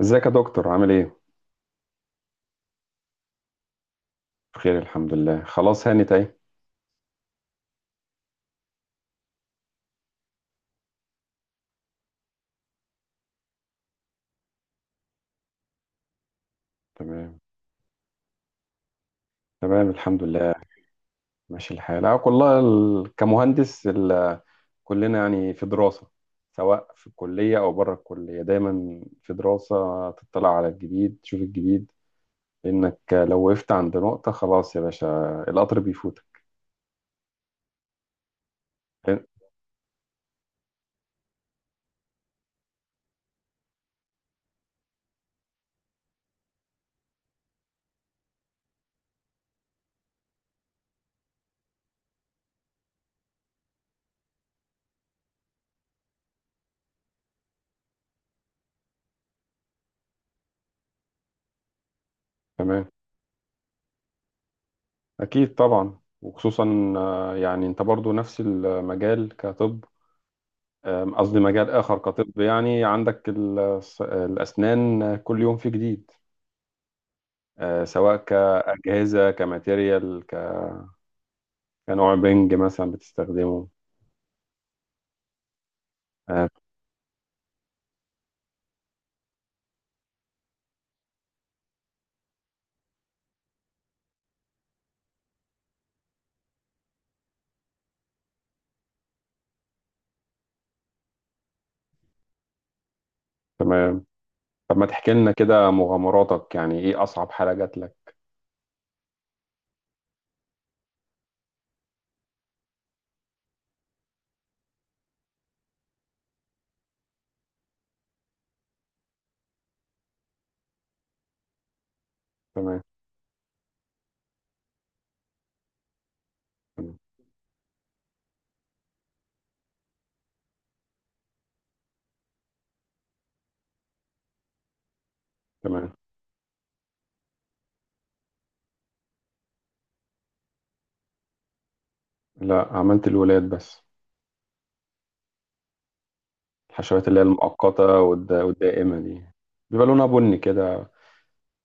ازيك يا دكتور عامل ايه؟ بخير الحمد لله، خلاص هانت اهي. تمام. تمام الحمد لله. ماشي الحال، اه والله، كمهندس كلنا يعني في دراسة، سواء في الكلية أو بره الكلية دايما في دراسة. تطلع على الجديد، تشوف الجديد، لأنك لو وقفت عند نقطة خلاص يا باشا، القطر بيفوتك. تمام. أكيد طبعا. وخصوصا يعني أنت برضو نفس المجال كطب. قصدي مجال آخر كطب. يعني عندك الأسنان كل يوم في جديد. سواء كأجهزة، كماتيريال، كنوع بنج مثلا بتستخدمه. أه. تمام. طب ما تحكي لنا كده مغامراتك، يعني إيه أصعب حالة جات لك؟ تمام. تمام. تمام. لا، عملت الولاد بس. الحشوات اللي هي المؤقتة والدائمة دي بيبقى لونها بني كده.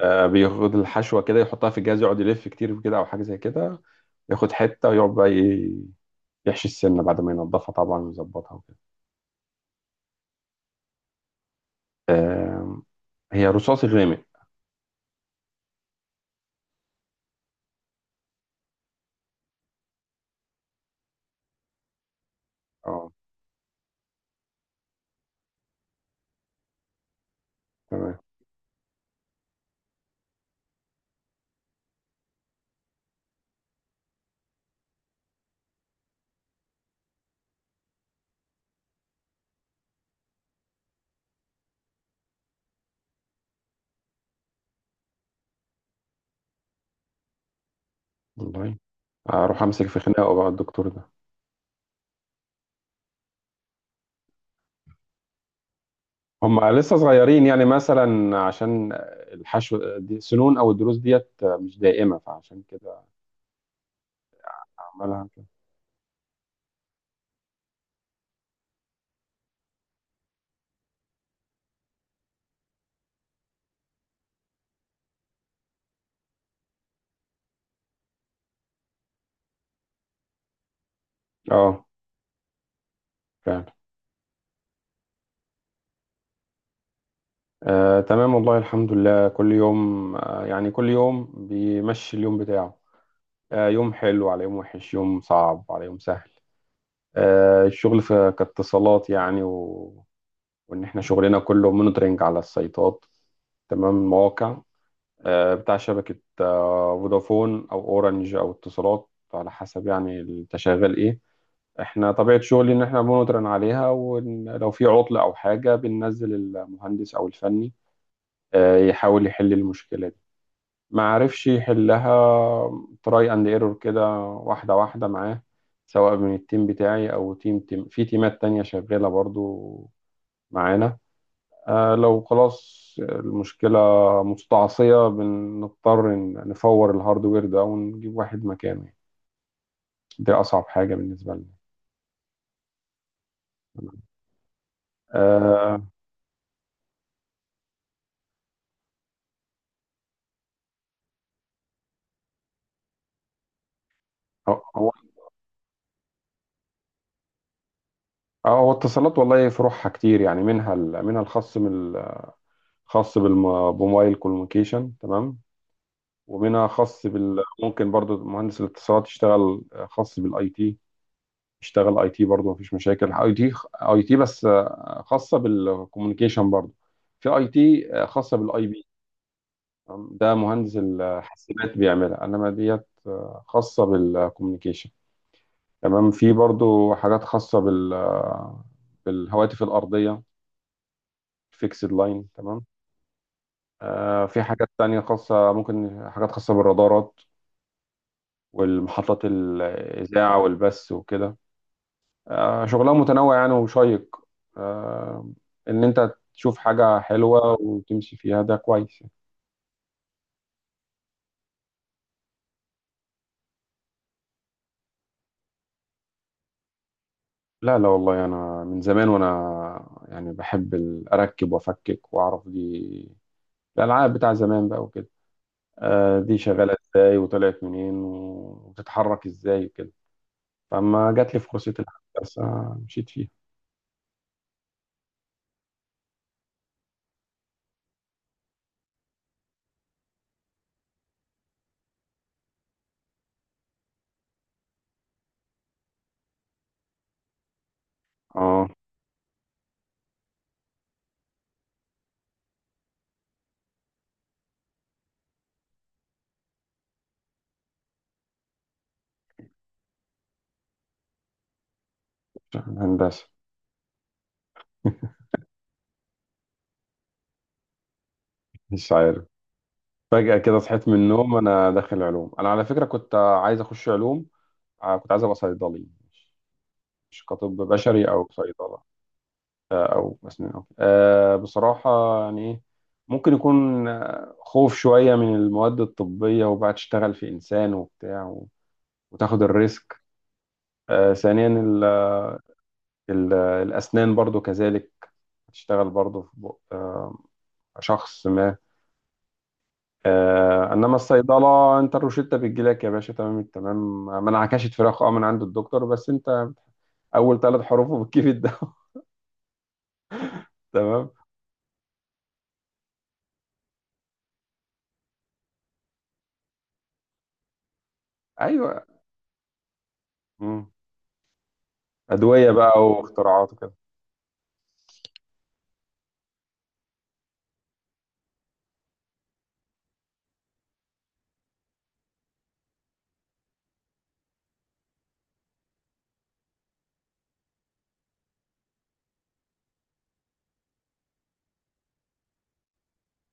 بياخد الحشوة كده يحطها في الجهاز، يقعد يلف كتير كده، أو حاجة زي كده. ياخد حتة ويقعد بقى يحشي السنة بعد ما ينضفها طبعا ويظبطها وكده. آم، هي رصاصي غامق. اه. تمام. والله أروح أمسك في خناقه بقى الدكتور ده. هما لسه صغيرين يعني، مثلا عشان الحشو دي سنون أو الضروس ديت مش دائمة، فعشان كده أعملها كده. اه، فعلا. آه، تمام. والله الحمد لله، كل يوم، يعني كل يوم بيمشي اليوم بتاعه. يوم حلو على يوم وحش، يوم صعب على يوم سهل. الشغل في كاتصالات يعني وإن إحنا شغلنا كله مونيتورنج على السيطات، تمام، المواقع. بتاع شبكة فودافون أو أورنج أو اتصالات، على حسب يعني أنت شغال إيه. إحنا طبيعة شغلي إن إحنا مونيتورنج عليها، ولو في عطل أو حاجة بننزل المهندس أو الفني يحاول يحل المشكلة. ما عرفش يحلها، تراي اند ايرور كده واحدة واحدة معاه، سواء من التيم بتاعي أو تيم في تيمات تانية شغالة برضو معانا. لو خلاص المشكلة مستعصية بنضطر نفور الهاردوير ده ونجيب واحد مكانه يعني. دي أصعب حاجة بالنسبة لنا. آه. هو هو هو اتصالات والله فروعها كتير يعني، منها منها الخاص خاص بموبايل كوميونيكيشن، تمام. ومنها خاص ممكن برضو مهندس الاتصالات يشتغل خاص بالاي تي. يشتغل اي تي برضو، مفيش مشاكل. اي تي، اي تي بس، خاصه بالكوميونيكيشن. برضو في اي تي خاصه بالاي بي، ده مهندس الحاسبات بيعملها. انما ديت خاصه بالكوميونيكيشن، تمام. في برضو حاجات خاصه بالهواتف الارضيه، فيكسد لاين، تمام. في حاجات تانية خاصة، ممكن حاجات خاصة بالرادارات والمحطات الإذاعة والبث وكده. شغلها متنوع يعني وشيق. آه، ان انت تشوف حاجة حلوة وتمشي فيها ده كويس. لا، لا، والله انا من زمان وانا يعني بحب اركب وافكك واعرف دي الالعاب بتاع زمان بقى وكده، دي شغالة ازاي وطلعت منين وبتتحرك ازاي وكده. فما جات لي فرصة الهندسة مشيت فيها. اه، هندسة. مش عارف، فجأة كده صحيت من النوم انا داخل علوم. انا على فكرة كنت عايز اخش علوم، كنت عايز ابقى صيدلي. مش كطب بشري او صيدله، او اسنان أو كده. بصراحه يعني ايه، ممكن يكون خوف شويه من المواد الطبيه وبقى تشتغل في انسان وبتاع وتاخد الريسك. ثانيا الاسنان برضو كذلك، تشتغل برضو في بق شخص ما. انما الصيدله انت الروشته بتجيلك يا باشا، تمام التمام، ما انعكشت فراخ من عند الدكتور، بس انت اول ثلاث حروفه بتجيب الدواء. تمام. ايوه. مم. أدوية بقى واختراعات وكده.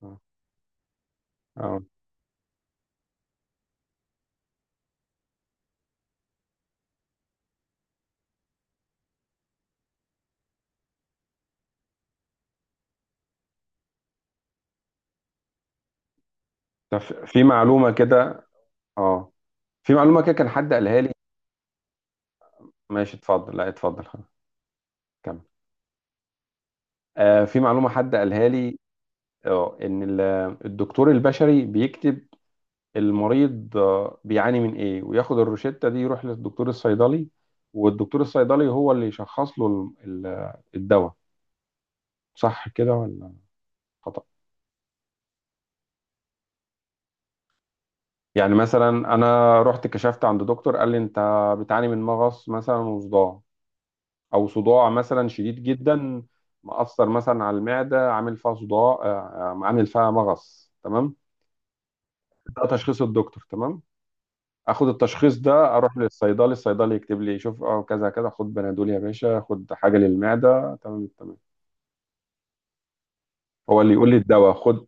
اه. آه. طب في معلومة كده، اه، في معلومة كده كان حد قالها لي. ماشي، اتفضل. لا، اتفضل، خلاص، كمل. في معلومة حد قالها لي، اه ان الدكتور البشري بيكتب المريض بيعاني من ايه، وياخد الروشتة دي يروح للدكتور الصيدلي، والدكتور الصيدلي هو اللي يشخص له الدواء. صح كده ولا خطأ؟ يعني مثلا انا رحت كشفت عند دكتور قال لي انت بتعاني من مغص مثلا وصداع، او صداع مثلا شديد جدا، مأثر مثلا على المعده، عامل فيها صداع، عامل فيها مغص، تمام. ده تشخيص الدكتور، تمام. اخد التشخيص ده، اروح للصيدلي. الصيدلي يكتب لي، شوف كذا كذا، خد بنادول يا باشا، خد حاجه للمعده. تمام. تمام. هو اللي يقول لي الدواء خد.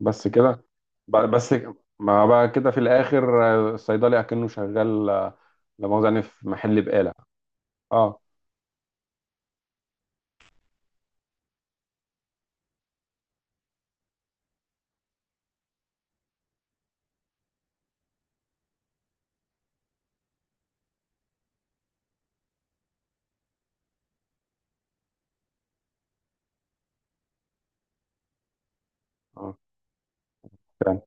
بس كده، بس ما بقى كده في الاخر الصيدلي اكنه شغال، لا مؤاخذه يعني في محل بقاله. اه. اه، فعلا.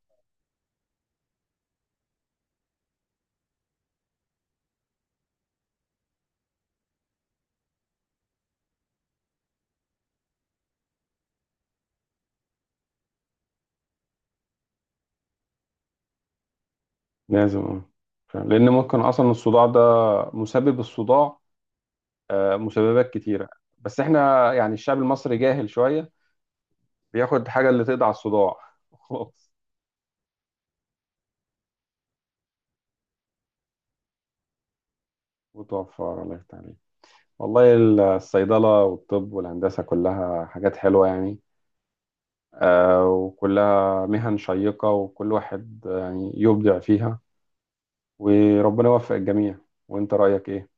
لازم. اه، فعلا. لان ممكن اصلا الصداع ده، مسبب الصداع مسببات كتيرة، بس احنا يعني الشعب المصري جاهل شوية، بياخد حاجة اللي تقضي على الصداع. خلاص، وتوفر. الله يفتح عليك. والله الصيدلة والطب والهندسة كلها حاجات حلوة يعني، وكلها مهن شيقة، وكل واحد يعني يبدع فيها، وربنا يوفق الجميع. وانت رأيك ايه؟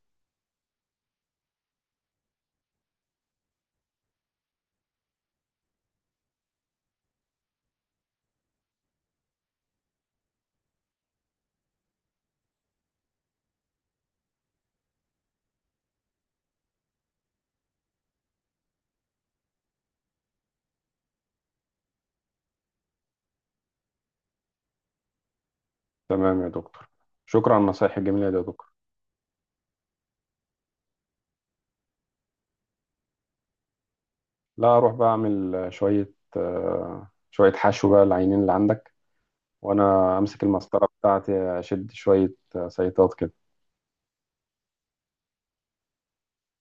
تمام يا دكتور، شكرا على النصايح الجميلة دي يا دكتور. لا، اروح بقى اعمل شوية حشو بقى العينين اللي عندك، وانا امسك المسطره بتاعتي اشد شويه. صيطات كده.